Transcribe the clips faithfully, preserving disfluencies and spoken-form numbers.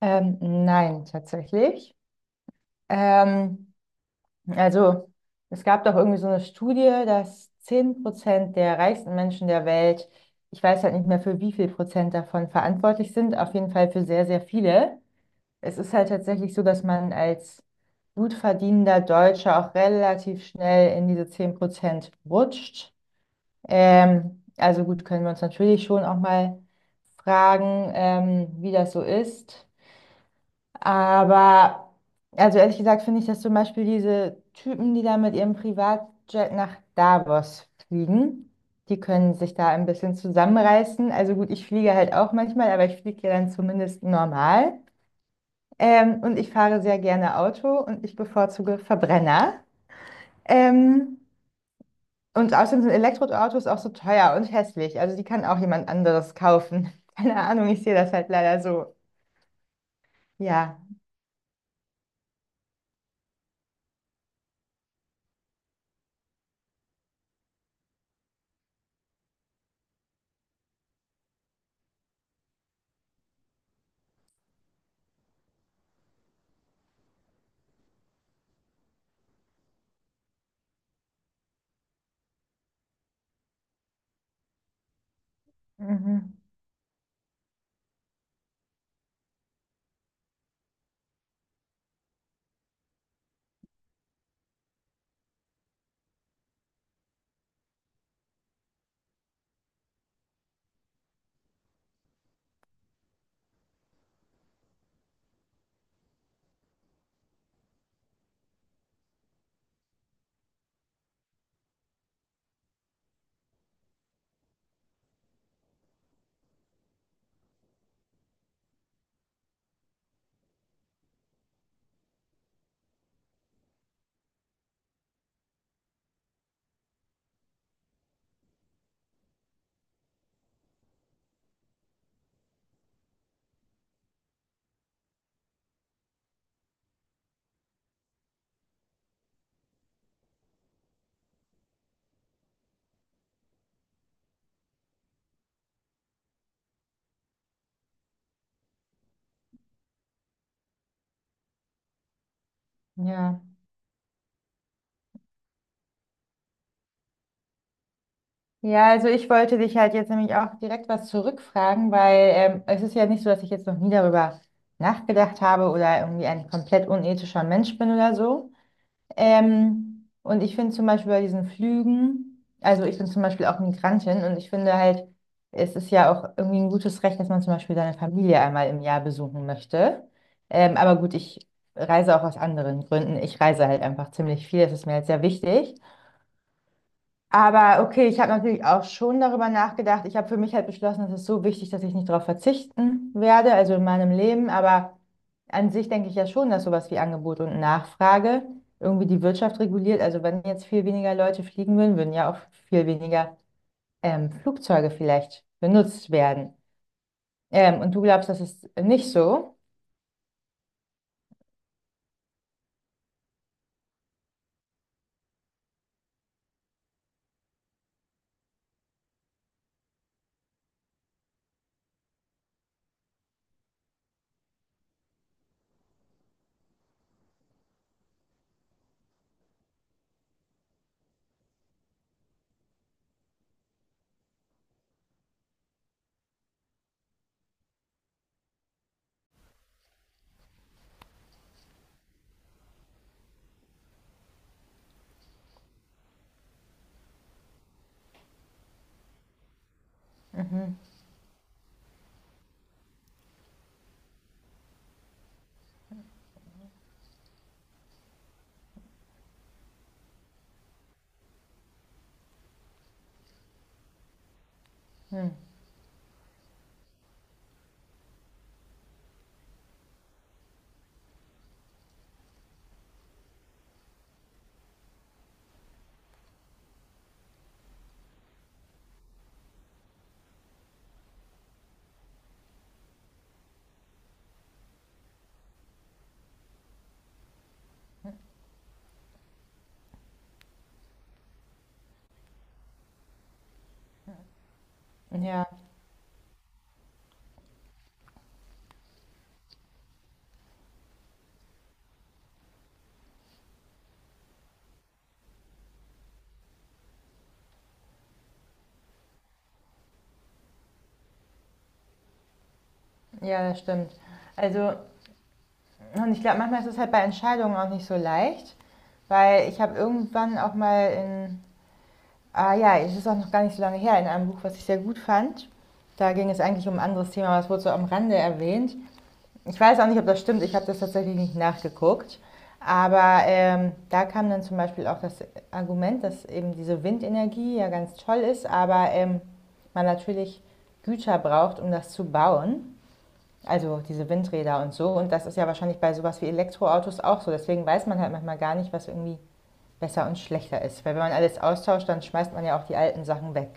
Ähm, nein, tatsächlich. Ähm, also es gab doch irgendwie so eine Studie, dass zehn Prozent der reichsten Menschen der Welt, ich weiß halt nicht mehr für wie viel Prozent davon verantwortlich sind, auf jeden Fall für sehr, sehr viele. Es ist halt tatsächlich so, dass man als gut verdienender Deutscher auch relativ schnell in diese zehn Prozent rutscht. Ähm, also gut, können wir uns natürlich schon auch mal fragen, ähm, wie das so ist. Aber, also ehrlich gesagt, finde ich, dass zum Beispiel diese Typen, die da mit ihrem Privatjet nach Davos fliegen, die können sich da ein bisschen zusammenreißen. Also gut, ich fliege halt auch manchmal, aber ich fliege ja dann zumindest normal. Ähm, und ich fahre sehr gerne Auto und ich bevorzuge Verbrenner. Ähm, und außerdem sind Elektroautos auch so teuer und hässlich. Also die kann auch jemand anderes kaufen. Keine Ahnung, ich sehe das halt leider so. Ja. Mhm. Ja. Ja, also ich wollte dich halt jetzt nämlich auch direkt was zurückfragen, weil ähm, es ist ja nicht so, dass ich jetzt noch nie darüber nachgedacht habe oder irgendwie ein komplett unethischer Mensch bin oder so. Ähm, und ich finde zum Beispiel bei diesen Flügen, also ich bin zum Beispiel auch Migrantin und ich finde halt, es ist ja auch irgendwie ein gutes Recht, dass man zum Beispiel seine Familie einmal im Jahr besuchen möchte. Ähm, aber gut, ich reise auch aus anderen Gründen. Ich reise halt einfach ziemlich viel, das ist mir halt sehr wichtig. Aber okay, ich habe natürlich auch schon darüber nachgedacht. Ich habe für mich halt beschlossen, es ist so wichtig, dass ich nicht darauf verzichten werde, also in meinem Leben. Aber an sich denke ich ja schon, dass sowas wie Angebot und Nachfrage irgendwie die Wirtschaft reguliert. Also wenn jetzt viel weniger Leute fliegen würden, würden ja auch viel weniger ähm, Flugzeuge vielleicht benutzt werden. Ähm, und du glaubst, das ist nicht so? Ja, ja, das stimmt. Also, und ich glaube, manchmal ist es halt bei Entscheidungen auch nicht so leicht, weil ich habe irgendwann auch mal in Ah ja, es ist auch noch gar nicht so lange her, in einem Buch, was ich sehr gut fand. Da ging es eigentlich um ein anderes Thema, aber es wurde so am Rande erwähnt. Ich weiß auch nicht, ob das stimmt, ich habe das tatsächlich nicht nachgeguckt. Aber ähm, da kam dann zum Beispiel auch das Argument, dass eben diese Windenergie ja ganz toll ist, aber ähm, man natürlich Güter braucht, um das zu bauen. Also diese Windräder und so. Und das ist ja wahrscheinlich bei sowas wie Elektroautos auch so. Deswegen weiß man halt manchmal gar nicht, was irgendwie besser und schlechter ist. Weil wenn man alles austauscht, dann schmeißt man ja auch die alten Sachen weg.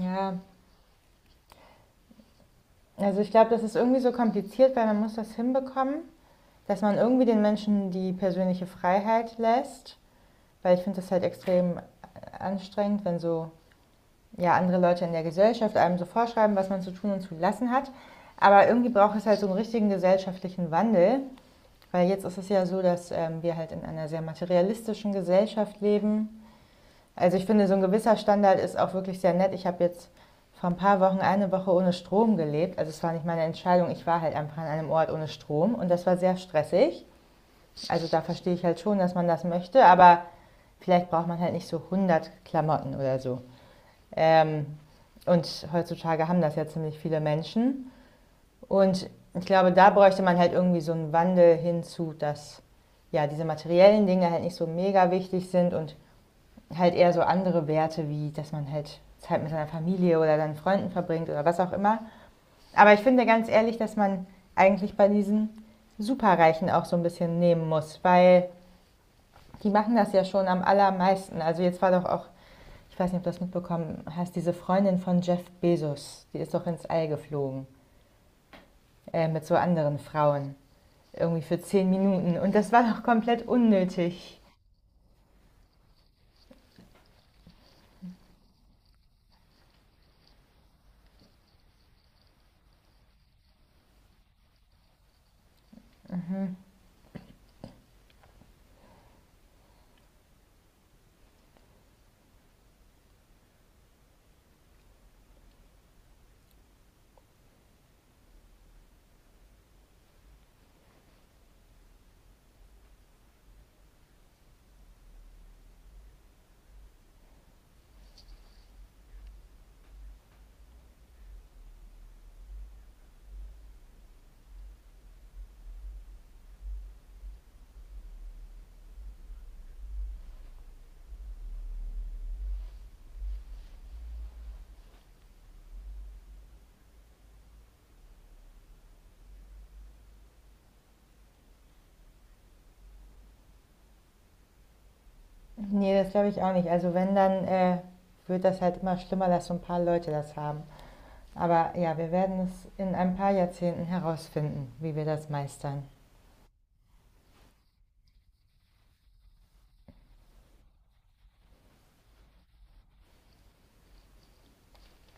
Ja, also ich glaube, das ist irgendwie so kompliziert, weil man muss das hinbekommen, dass man irgendwie den Menschen die persönliche Freiheit lässt. Weil ich finde das halt extrem anstrengend, wenn so ja, andere Leute in der Gesellschaft einem so vorschreiben, was man zu tun und zu lassen hat. Aber irgendwie braucht es halt so einen richtigen gesellschaftlichen Wandel. Weil jetzt ist es ja so, dass ähm, wir halt in einer sehr materialistischen Gesellschaft leben. Also ich finde, so ein gewisser Standard ist auch wirklich sehr nett. Ich habe jetzt vor ein paar Wochen eine Woche ohne Strom gelebt. Also es war nicht meine Entscheidung. Ich war halt einfach an einem Ort ohne Strom und das war sehr stressig. Also da verstehe ich halt schon, dass man das möchte, aber vielleicht braucht man halt nicht so hundert Klamotten oder so. Ähm, und heutzutage haben das ja ziemlich viele Menschen. Und ich glaube, da bräuchte man halt irgendwie so einen Wandel hinzu, dass ja diese materiellen Dinge halt nicht so mega wichtig sind und halt eher so andere Werte, wie dass man halt Zeit mit seiner Familie oder seinen Freunden verbringt oder was auch immer. Aber ich finde ganz ehrlich, dass man eigentlich bei diesen Superreichen auch so ein bisschen nehmen muss, weil die machen das ja schon am allermeisten. Also jetzt war doch auch, ich weiß nicht, ob du das mitbekommen hast, diese Freundin von Jeff Bezos, die ist doch ins All geflogen äh, mit so anderen Frauen, irgendwie für zehn Minuten. Und das war doch komplett unnötig. Ne, das glaube ich auch nicht. Also wenn, dann, äh, wird das halt immer schlimmer, dass so ein paar Leute das haben. Aber ja, wir werden es in ein paar Jahrzehnten herausfinden, wie wir das meistern.